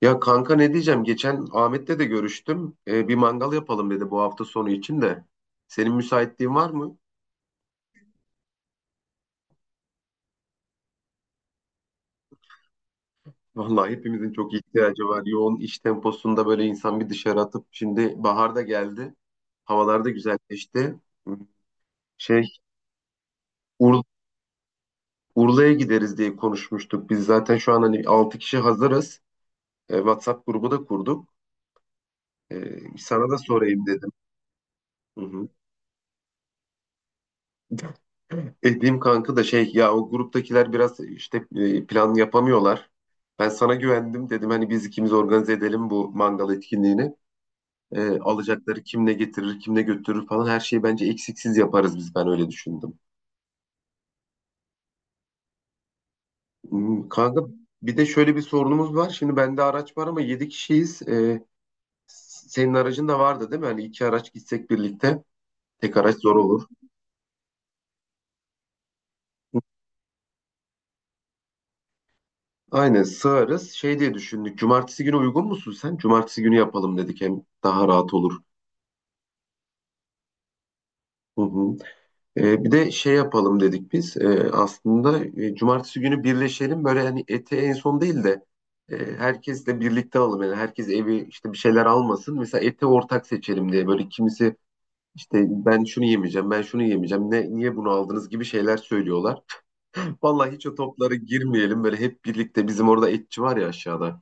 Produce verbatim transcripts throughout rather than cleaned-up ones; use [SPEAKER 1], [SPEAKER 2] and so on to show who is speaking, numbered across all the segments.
[SPEAKER 1] Ya kanka ne diyeceğim? Geçen Ahmet'le de görüştüm. Ee, bir mangal yapalım dedi bu hafta sonu için de. Senin müsaitliğin var mı? Vallahi hepimizin çok ihtiyacı var. Yoğun iş temposunda böyle insan bir dışarı atıp şimdi bahar da geldi. Havalar da güzelleşti. Şey Ur- Urla'ya gideriz diye konuşmuştuk. Biz zaten şu an hani altı kişi hazırız. Ee, WhatsApp grubu da kurduk. Ee, sana da sorayım dedim. Hı hı. Dediğim kanka da şey ya o gruptakiler biraz işte e, plan yapamıyorlar. Ben sana güvendim dedim hani biz ikimiz organize edelim bu mangal etkinliğini. E, alacakları kim ne getirir kim ne götürür falan her şeyi bence eksiksiz yaparız biz, ben öyle düşündüm. Hmm, Kanka, bir de şöyle bir sorunumuz var. Şimdi bende araç var ama yedi kişiyiz. E, senin aracın da vardı değil mi? Hani iki araç gitsek birlikte, tek araç zor olur. Aynen sığarız. Şey diye düşündük. Cumartesi günü uygun musun sen? Cumartesi günü yapalım dedik. Hem daha rahat olur. Hı hı. Ee, bir de şey yapalım dedik biz. Ee, aslında e, cumartesi günü birleşelim. Böyle hani eti en son değil de e, herkesle birlikte alalım. Yani herkes evi işte bir şeyler almasın. Mesela eti ortak seçelim diye. Böyle kimisi işte ben şunu yemeyeceğim, ben şunu yemeyeceğim. Ne, niye bunu aldınız gibi şeyler söylüyorlar. Vallahi hiç o toplara girmeyelim. Böyle hep birlikte, bizim orada etçi var ya aşağıda.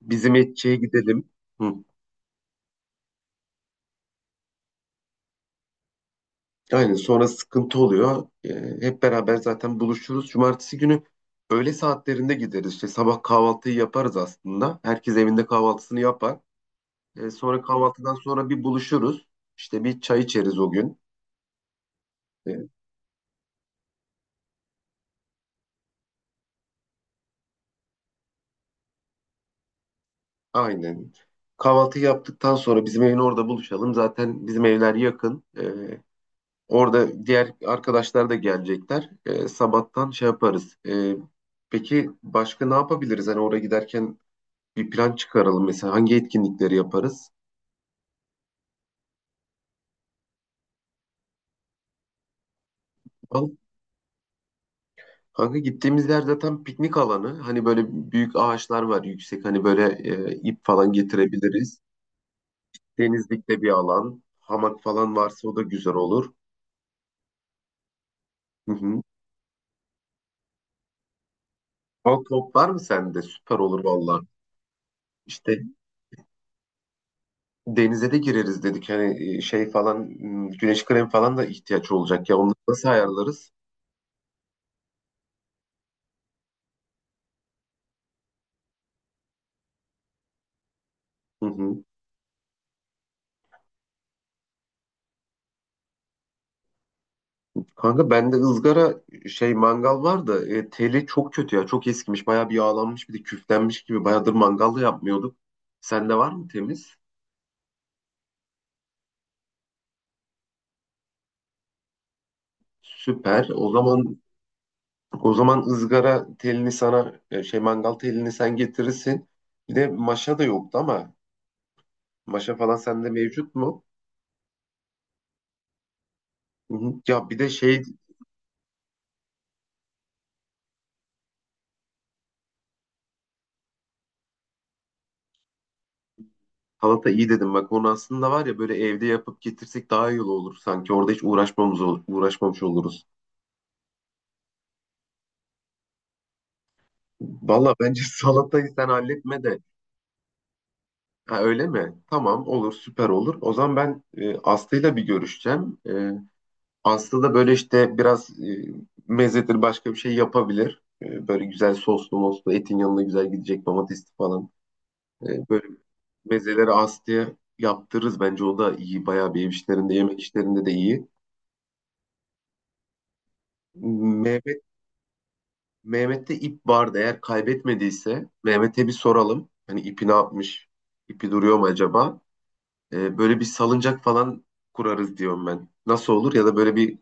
[SPEAKER 1] Bizim etçiye gidelim. Hı. Aynen, sonra sıkıntı oluyor. Ee, hep beraber zaten buluşuruz. Cumartesi günü öğle saatlerinde gideriz. İşte sabah kahvaltıyı yaparız aslında. Herkes evinde kahvaltısını yapar. Ee, sonra kahvaltıdan sonra bir buluşuruz. İşte bir çay içeriz o gün. Ee, aynen. Kahvaltı yaptıktan sonra bizim evin orada buluşalım. Zaten bizim evler yakın. Ee, orada diğer arkadaşlar da gelecekler. Ee, sabahtan şey yaparız. Ee, peki başka ne yapabiliriz? Hani oraya giderken bir plan çıkaralım, mesela hangi etkinlikleri yaparız? Al, kanka, gittiğimiz yer zaten piknik alanı. Hani böyle büyük ağaçlar var, yüksek, hani böyle e, ip falan getirebiliriz. Denizlikte bir alan. Hamak falan varsa o da güzel olur. Hı hı. Al, top var mı sende? Süper olur valla. İşte denize de gireriz dedik. Hani e, şey falan, m, güneş kremi falan da ihtiyaç olacak ya. Onları nasıl ayarlarız? Hı hı. Kanka, bende ızgara şey mangal var da e, teli çok kötü ya. Çok eskimiş. Bayağı bir yağlanmış, bir de küflenmiş gibi. Bayağıdır mangal da yapmıyorduk. Sende var mı temiz? Süper. O zaman o zaman ızgara telini sana, e, şey mangal telini sen getirirsin. Bir de maşa da yoktu ama maşa falan sende mevcut mu? Hı hı. Ya bir de şey, salata iyi dedim bak, onu aslında var ya, böyle evde yapıp getirsek daha iyi olur sanki. Orada hiç uğraşmamız olur, uğraşmamış oluruz. Valla bence salatayı sen halletme de. Ha, öyle mi? Tamam, olur, süper olur. O zaman ben, e, Aslı'yla bir görüşeceğim. E, Aslı da böyle işte biraz e, mezedir başka bir şey yapabilir. E, böyle güzel soslu moslu, etin yanına güzel gidecek, domatesli falan. E, böyle mezeleri Aslı'ya yaptırırız. Bence o da iyi. Bayağı bir ev işlerinde, yemek işlerinde de iyi. Mehmet Mehmet'te ip vardı. Eğer kaybetmediyse Mehmet'e bir soralım. Hani ipi ne yapmış? İpi duruyor mu acaba? E, böyle bir salıncak falan kurarız diyorum ben. Nasıl olur? Ya da böyle bir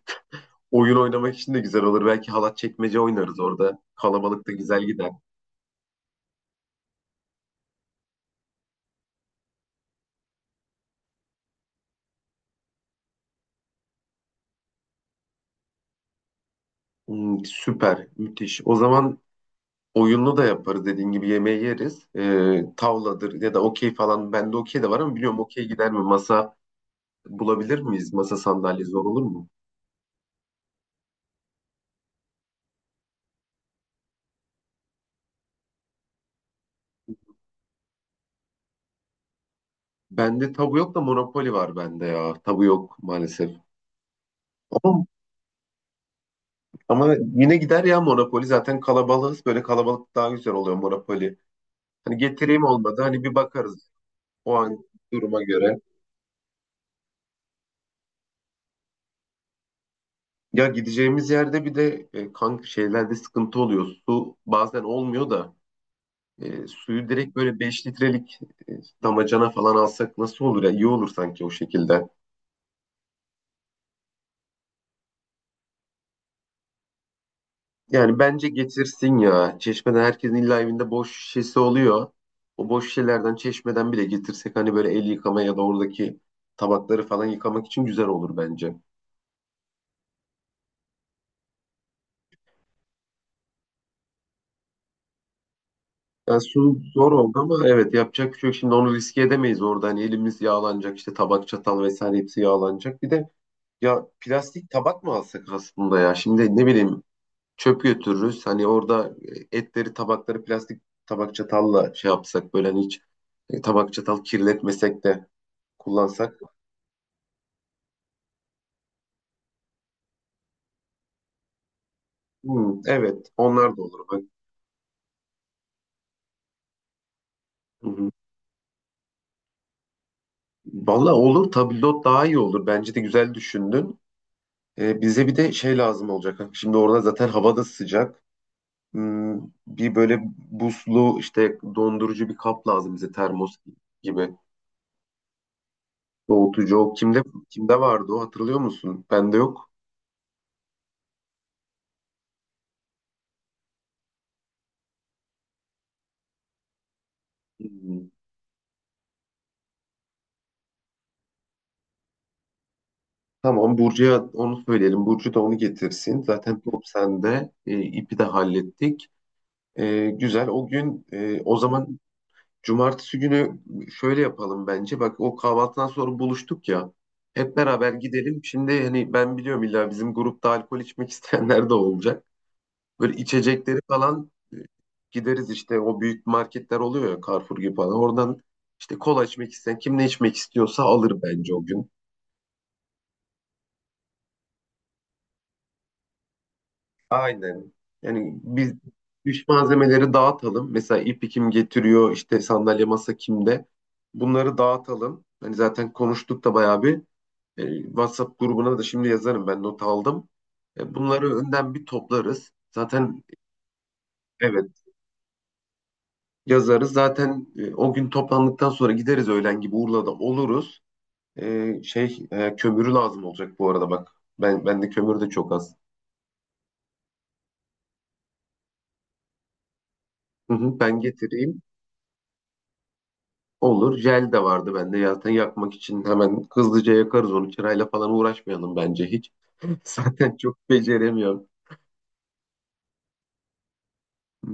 [SPEAKER 1] oyun oynamak için de güzel olur. Belki halat çekmece oynarız orada. Kalabalık da güzel gider. Hmm, süper, müthiş. O zaman oyunlu da yaparız, dediğin gibi yemeği yeriz. E, tavladır ya da okey falan. Bende okey de var ama biliyorum, okey gider mi? Masa bulabilir miyiz? Masa sandalye zor olur mu? Bende tabu yok da Monopoly var bende ya. Tabu yok maalesef. Ama, ama yine gider ya Monopoly. Zaten kalabalığız. Böyle kalabalık daha güzel oluyor Monopoly. Hani getireyim, olmadı hani bir bakarız o an duruma göre. Ya gideceğimiz yerde bir de e, kanka, şeylerde sıkıntı oluyor. Su bazen olmuyor da e, suyu direkt böyle beş litrelik e, damacana falan alsak nasıl olur ya? İyi olur sanki o şekilde. Yani bence getirsin ya. Çeşmeden, herkesin illa evinde boş şişesi oluyor. O boş şişelerden çeşmeden bile getirsek, hani böyle el yıkama ya da oradaki tabakları falan yıkamak için güzel olur bence. Ya su zor oldu ama evet, yapacak bir şey yok. Şimdi onu riske edemeyiz orada. Hani elimiz yağlanacak işte, tabak çatal vesaire hepsi yağlanacak. Bir de ya plastik tabak mı alsak aslında ya? Şimdi ne bileyim, çöp götürürüz. Hani orada e, etleri, tabakları plastik tabak çatalla şey yapsak, böyle hani hiç e, tabak çatal kirletmesek de kullansak. Hmm, evet, onlar da olur. Bak. Hı hı. Vallahi olur, tabldot daha iyi olur. Bence de güzel düşündün. E, bize bir de şey lazım olacak. Şimdi orada zaten hava da sıcak. Hmm, bir böyle buzlu, işte dondurucu bir kap lazım bize, termos gibi. Soğutucu o kimde kimde vardı, o hatırlıyor musun? Bende yok. Hmm. Tamam, Burcu'ya onu söyleyelim. Burcu da onu getirsin. Zaten top sende. E, ipi de hallettik. E, güzel. O gün, e, o zaman cumartesi günü şöyle yapalım bence. Bak, o kahvaltıdan sonra buluştuk ya. Hep beraber gidelim. Şimdi hani ben biliyorum, illa bizim grupta alkol içmek isteyenler de olacak. Böyle içecekleri falan, e, gideriz işte o büyük marketler oluyor ya, Carrefour gibi falan. Oradan işte kola içmek isteyen, kim ne içmek istiyorsa alır bence o gün. Aynen. Yani biz iş malzemeleri dağıtalım. Mesela ipi kim getiriyor, işte sandalye masa kimde. Bunları dağıtalım. Hani zaten konuştuk da bayağı bir. E, WhatsApp grubuna da şimdi yazarım, ben not aldım. E, bunları önden bir toplarız. Zaten evet, yazarız. Zaten e, o gün toplandıktan sonra gideriz, öğlen gibi Urla'da oluruz. E, şey, e, kömürü lazım olacak bu arada bak. Ben bende kömür de çok az. Hı hı, ben getireyim. Olur. Jel de vardı bende. Zaten yakmak için hemen hızlıca yakarız onu. Çırayla falan uğraşmayalım bence hiç. Zaten çok beceremiyorum. Hı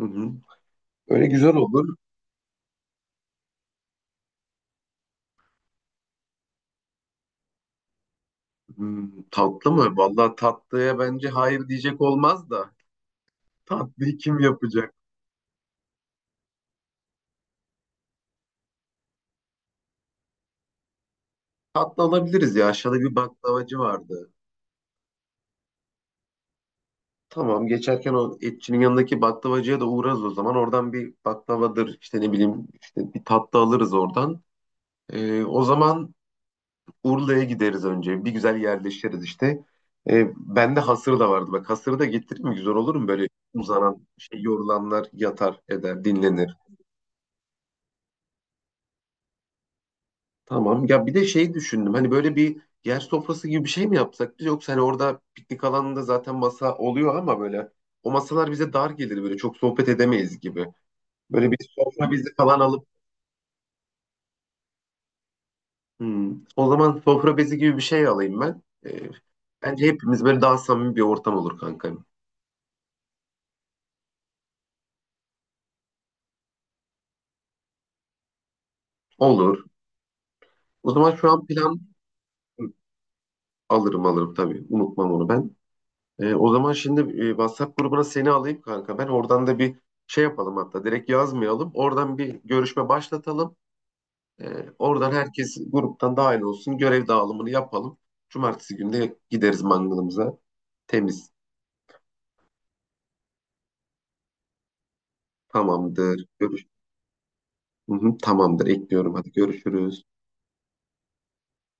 [SPEAKER 1] hı. Öyle güzel olur. Hmm, tatlı mı? Vallahi tatlıya bence hayır diyecek olmaz da. Tatlıyı kim yapacak? Tatlı alabiliriz ya. Aşağıda bir baklavacı vardı. Tamam, geçerken o etçinin yanındaki baklavacıya da uğrarız o zaman. Oradan bir baklavadır işte, ne bileyim işte, bir tatlı alırız oradan. Ee, o zaman Urla'ya gideriz önce. Bir güzel yerleşiriz işte. Ee, bende hasır da vardı. Bak, hasırı da getireyim mi? Güzel olur mu? Böyle uzanan şey, yorulanlar yatar eder, dinlenir. Tamam ya, bir de şey düşündüm. Hani böyle bir yer sofrası gibi bir şey mi yapsak biz? Yoksa hani orada piknik alanında zaten masa oluyor ama böyle o masalar bize dar gelir, böyle çok sohbet edemeyiz gibi. Böyle bir sofra bezi falan alıp, hmm. O zaman sofra bezi gibi bir şey alayım ben. Ee, bence hepimiz böyle daha samimi bir ortam olur kanka. Olur. O zaman şu an plan, hı, alırım alırım tabii. Unutmam onu ben. Ee, o zaman şimdi e, WhatsApp grubuna seni alayım kanka. Ben oradan da bir şey yapalım hatta. Direkt yazmayalım. Oradan bir görüşme başlatalım. Ee, oradan herkes gruptan dahil olsun. Görev dağılımını yapalım. Cumartesi günde gideriz mangalımıza. Temiz. Tamamdır. Görüşürüz. Hı hı, tamamdır, ekliyorum. Hadi görüşürüz.